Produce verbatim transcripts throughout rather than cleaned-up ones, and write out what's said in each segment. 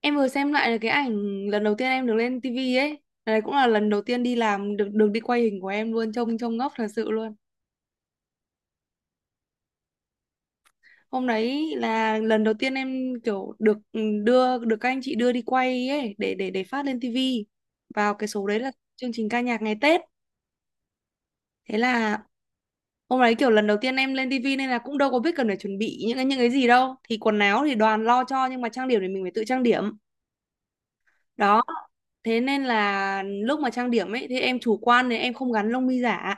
Em vừa xem lại cái ảnh lần đầu tiên em được lên tivi ấy. Lần Đấy cũng là lần đầu tiên đi làm được được đi quay hình của em luôn, trông trông ngốc thật sự luôn. Hôm đấy là lần đầu tiên em kiểu được ừ, đưa được các anh chị đưa đi quay ấy để để để phát lên tivi. Vào cái số đấy là chương trình ca nhạc ngày Tết. Thế là hôm đấy kiểu lần đầu tiên em lên tivi nên là cũng đâu có biết cần phải chuẩn bị những cái những cái gì đâu. Thì quần áo thì đoàn lo cho nhưng mà trang điểm thì mình phải tự trang điểm. Đó, thế nên là lúc mà trang điểm ấy thì em chủ quan nên em không gắn lông mi giả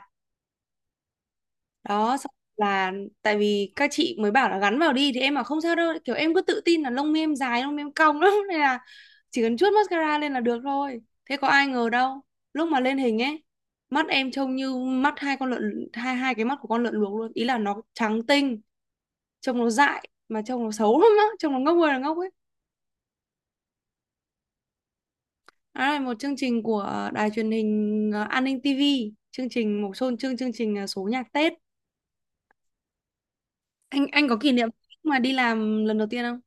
đó xong là tại vì các chị mới bảo là gắn vào đi thì em bảo không sao đâu, kiểu em cứ tự tin là lông mi em dài, lông mi em cong lắm nên là chỉ cần chuốt mascara lên là được thôi. Thế có ai ngờ đâu, lúc mà lên hình ấy mắt em trông như mắt hai con lợn, hai hai cái mắt của con lợn luộc luôn, ý là nó trắng tinh, trông nó dại mà trông nó xấu lắm á, trông nó ngốc ơi là ngốc ấy. Đó là một chương trình của đài truyền hình ờ, An ninh ti vi, chương trình một chương chương chương trình ờ, số nhạc Tết. Anh anh có kỷ niệm mà đi làm lần đầu tiên không?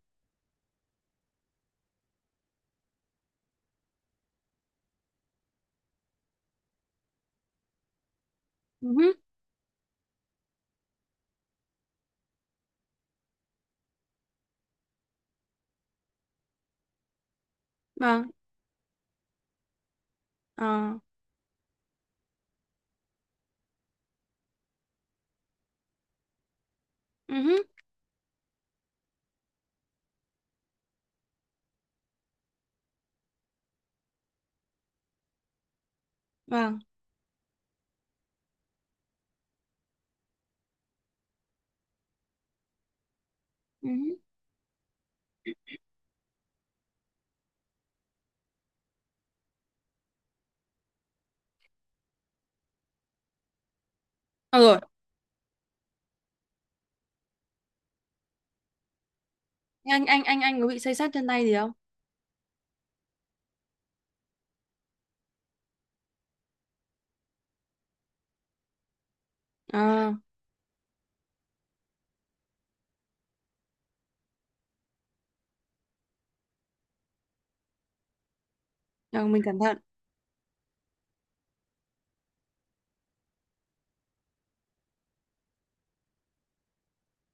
Ừ hứ. Vâng. Ờ, ừ hứ, vâng, ừ hứ. Ờ, rồi, anh anh anh anh có bị xây xát chân tay gì không? Ờ, rồi mình cẩn thận.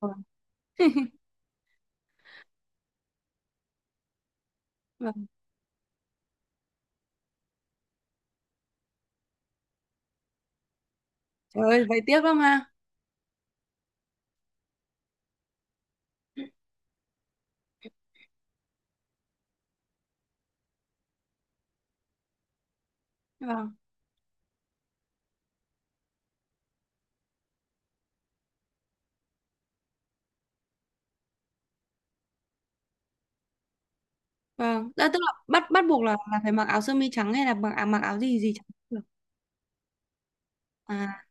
Vâng. Vâng. Trời ơi, vậy tiếc lắm ha. Vâng, vâng. Đã tức là bắt bắt buộc là là phải mặc áo sơ mi trắng hay là mặc à, mặc áo gì gì trắng cũng được. À,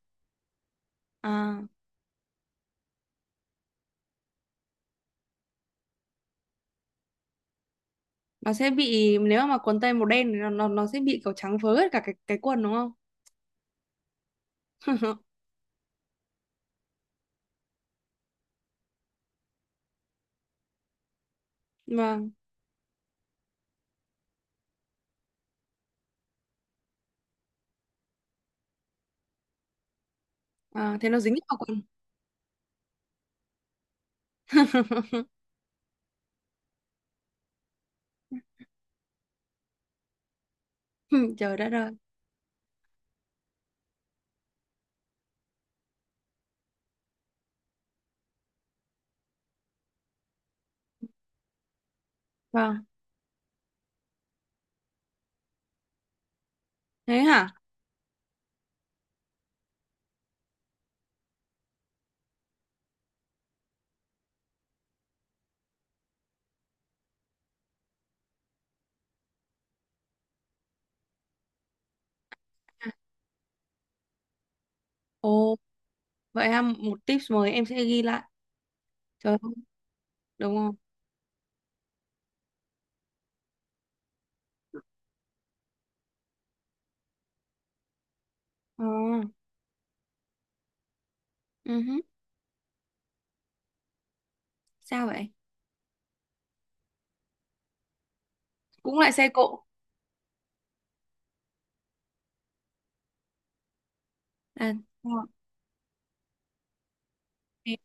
à, nó sẽ bị, nếu mà mặc quần tây màu đen thì nó nó nó sẽ bị kiểu trắng phớ hết cả cái cái quần đúng không? Vâng, à, thế nó dính vào quần. Trời đất ơi. Vâng, thế hả? Ồ, vậy ha, một tips mới em sẽ ghi lại. Trời ơi, đúng không? Ờ, ừ hứ. Sao vậy? Cũng lại xe cộ. À, đúng rồi. Thì-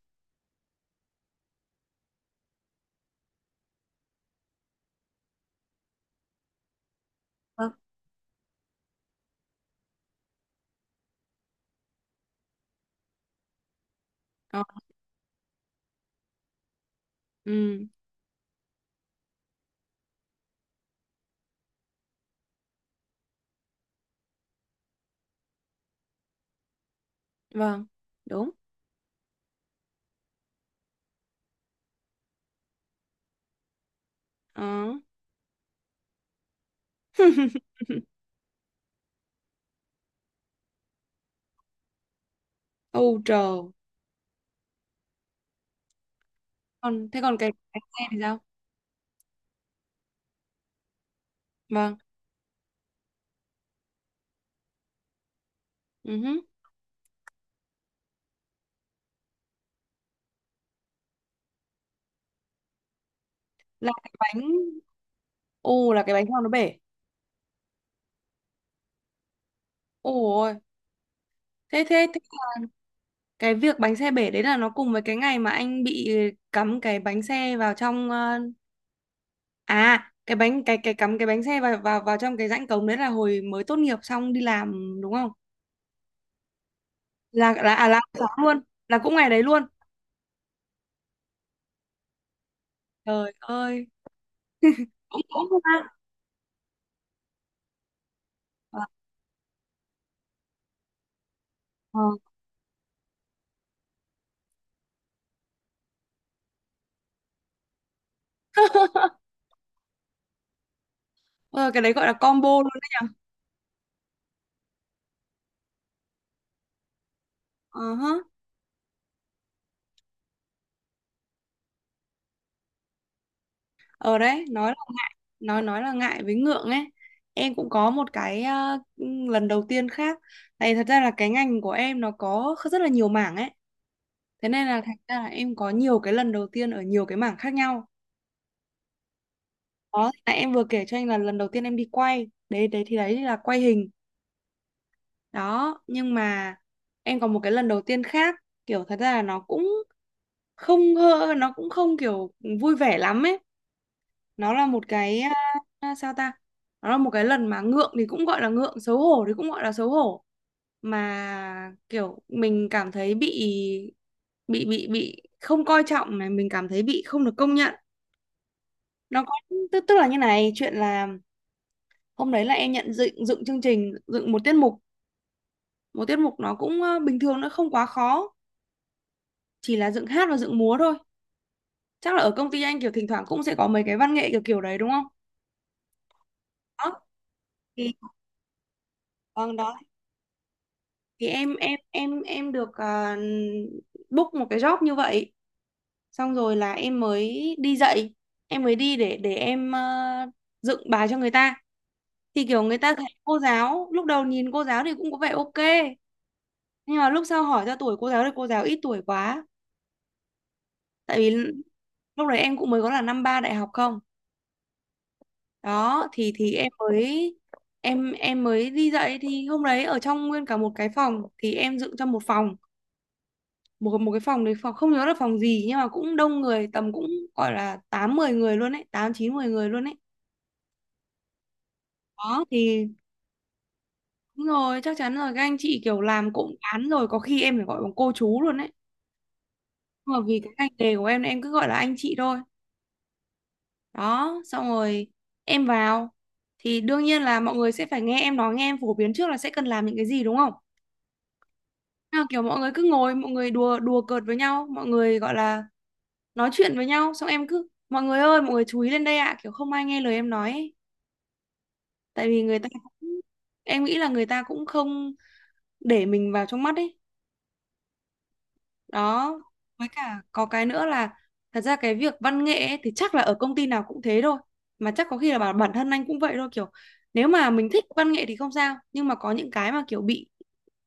ờ, ờ, ừ, vâng, đúng. Ờ. Âu trời. Còn thế còn cái bánh xe thì sao? Vâng. Ừ hứ. Là cái bánh, ô là cái bánh sau nó bể. Ôi, thế thế thế là cái việc bánh xe bể đấy là nó cùng với cái ngày mà anh bị cắm cái bánh xe vào trong ờ, à cái bánh cái cái cắm cái bánh xe vào vào vào trong cái rãnh cống đấy, là hồi mới tốt nghiệp xong đi làm đúng không? Là là à là sáng luôn, là cũng ngày đấy luôn. Trời ơi, cũng cũng không ăn ờ ờ. Ờ, cái đấy gọi là combo luôn đấy nhở. Ờ hả. Ở đấy nói là ngại, nói nói là ngại với ngượng ấy. Em cũng có một cái ờ, lần đầu tiên khác, tại thật ra là cái ngành của em nó có rất là nhiều mảng ấy, thế nên là thành ra là em có nhiều cái lần đầu tiên ở nhiều cái mảng khác nhau. Đó là em vừa kể cho anh là lần đầu tiên em đi quay đấy, đấy thì đấy là quay hình đó. Nhưng mà em còn một cái lần đầu tiên khác, kiểu thật ra là nó cũng không hơ nó cũng không kiểu vui vẻ lắm ấy. Nó là một cái à, sao ta, nó là một cái lần mà ngượng thì cũng gọi là ngượng, xấu hổ thì cũng gọi là xấu hổ, mà kiểu mình cảm thấy bị bị bị bị không coi trọng này, mình cảm thấy bị không được công nhận. Nó có, tức tức là như này, chuyện là hôm đấy là em nhận dựng dựng chương trình, dựng một tiết mục. Một tiết mục nó cũng ờ, bình thường, nó không quá khó, chỉ là dựng hát và dựng múa thôi. Chắc là ở công ty anh kiểu thỉnh thoảng cũng sẽ có mấy cái văn nghệ kiểu kiểu đấy đúng không? Đó thì vâng, đó thì em em em em được à, book một cái job như vậy. Xong rồi là em mới đi dạy, em mới đi để để em ờ, dựng bài cho người ta. Thì kiểu người ta thấy cô giáo, lúc đầu nhìn cô giáo thì cũng có vẻ ok, nhưng mà lúc sau hỏi ra tuổi cô giáo thì cô giáo ít tuổi quá. Tại vì lúc đấy em cũng mới có là năm ba đại học không, đó thì thì em mới, em em mới đi dạy. Thì hôm đấy ở trong nguyên cả một cái phòng, thì em dựng trong một phòng, một một cái phòng đấy, phòng không nhớ là phòng gì nhưng mà cũng đông người, tầm cũng gọi là tám mười người luôn ấy, tám chín mười người luôn ấy. Đó thì đúng rồi, chắc chắn rồi, các anh chị kiểu làm cụm cán rồi, có khi em phải gọi bằng cô chú luôn đấy. Nhưng mà vì cái ngành nghề của em em cứ gọi là anh chị thôi. Đó xong rồi em vào, thì đương nhiên là mọi người sẽ phải nghe em nói, nghe em phổ biến trước là sẽ cần làm những cái gì đúng không. Nào kiểu mọi người cứ ngồi, mọi người đùa đùa cợt với nhau, mọi người gọi là nói chuyện với nhau, xong em cứ mọi người ơi mọi người chú ý lên đây ạ, kiểu không ai nghe lời em nói ấy. Tại vì người ta cũng, em nghĩ là người ta cũng không để mình vào trong mắt ấy đó. Với cả có cái nữa là thật ra cái việc văn nghệ ấy, thì chắc là ở công ty nào cũng thế thôi, mà chắc có khi là bản bản thân anh cũng vậy thôi, kiểu nếu mà mình thích văn nghệ thì không sao, nhưng mà có những cái mà kiểu bị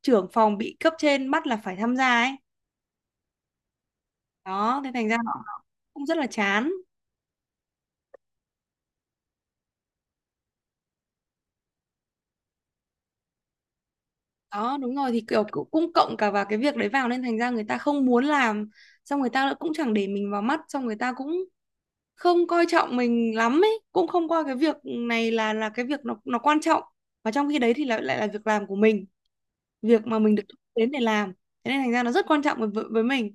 trưởng phòng, bị cấp trên bắt là phải tham gia ấy. Đó thế thành ra nó cũng rất là chán. Đó đúng rồi, thì kiểu cũng cũng cộng cả vào cái việc đấy vào, nên thành ra người ta không muốn làm, xong người ta lại cũng chẳng để mình vào mắt, xong người ta cũng không coi trọng mình lắm ấy, cũng không coi cái việc này là là cái việc nó nó quan trọng. Và trong khi đấy thì lại lại là việc làm của mình, việc mà mình được thuê đến để làm, thế nên thành ra nó rất quan trọng với với với mình.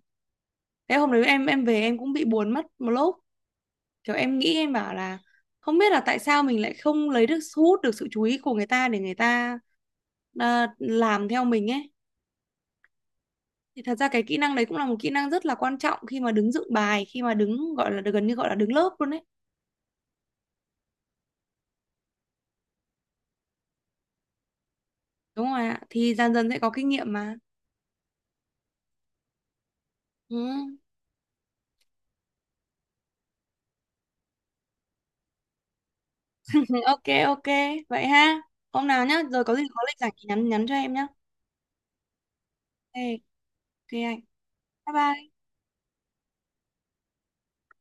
Thế hôm đấy em em về, em cũng bị buồn mất một lúc, kiểu em nghĩ em bảo là không biết là tại sao mình lại không lấy được, thu hút được sự chú ý của người ta để người ta à, làm theo mình ấy. Thì thật ra cái kỹ năng đấy cũng là một kỹ năng rất là quan trọng khi mà đứng dựng bài, khi mà đứng gọi là gần như gọi là đứng lớp luôn đấy. Đúng rồi ạ. Thì dần dần sẽ có kinh nghiệm mà. Ừ. Ừ, ok ok, vậy ha. Hôm nào nhá, rồi có gì có lịch rảnh thì nhắn nhắn cho em nhá. Ok, ok anh. Bye bye.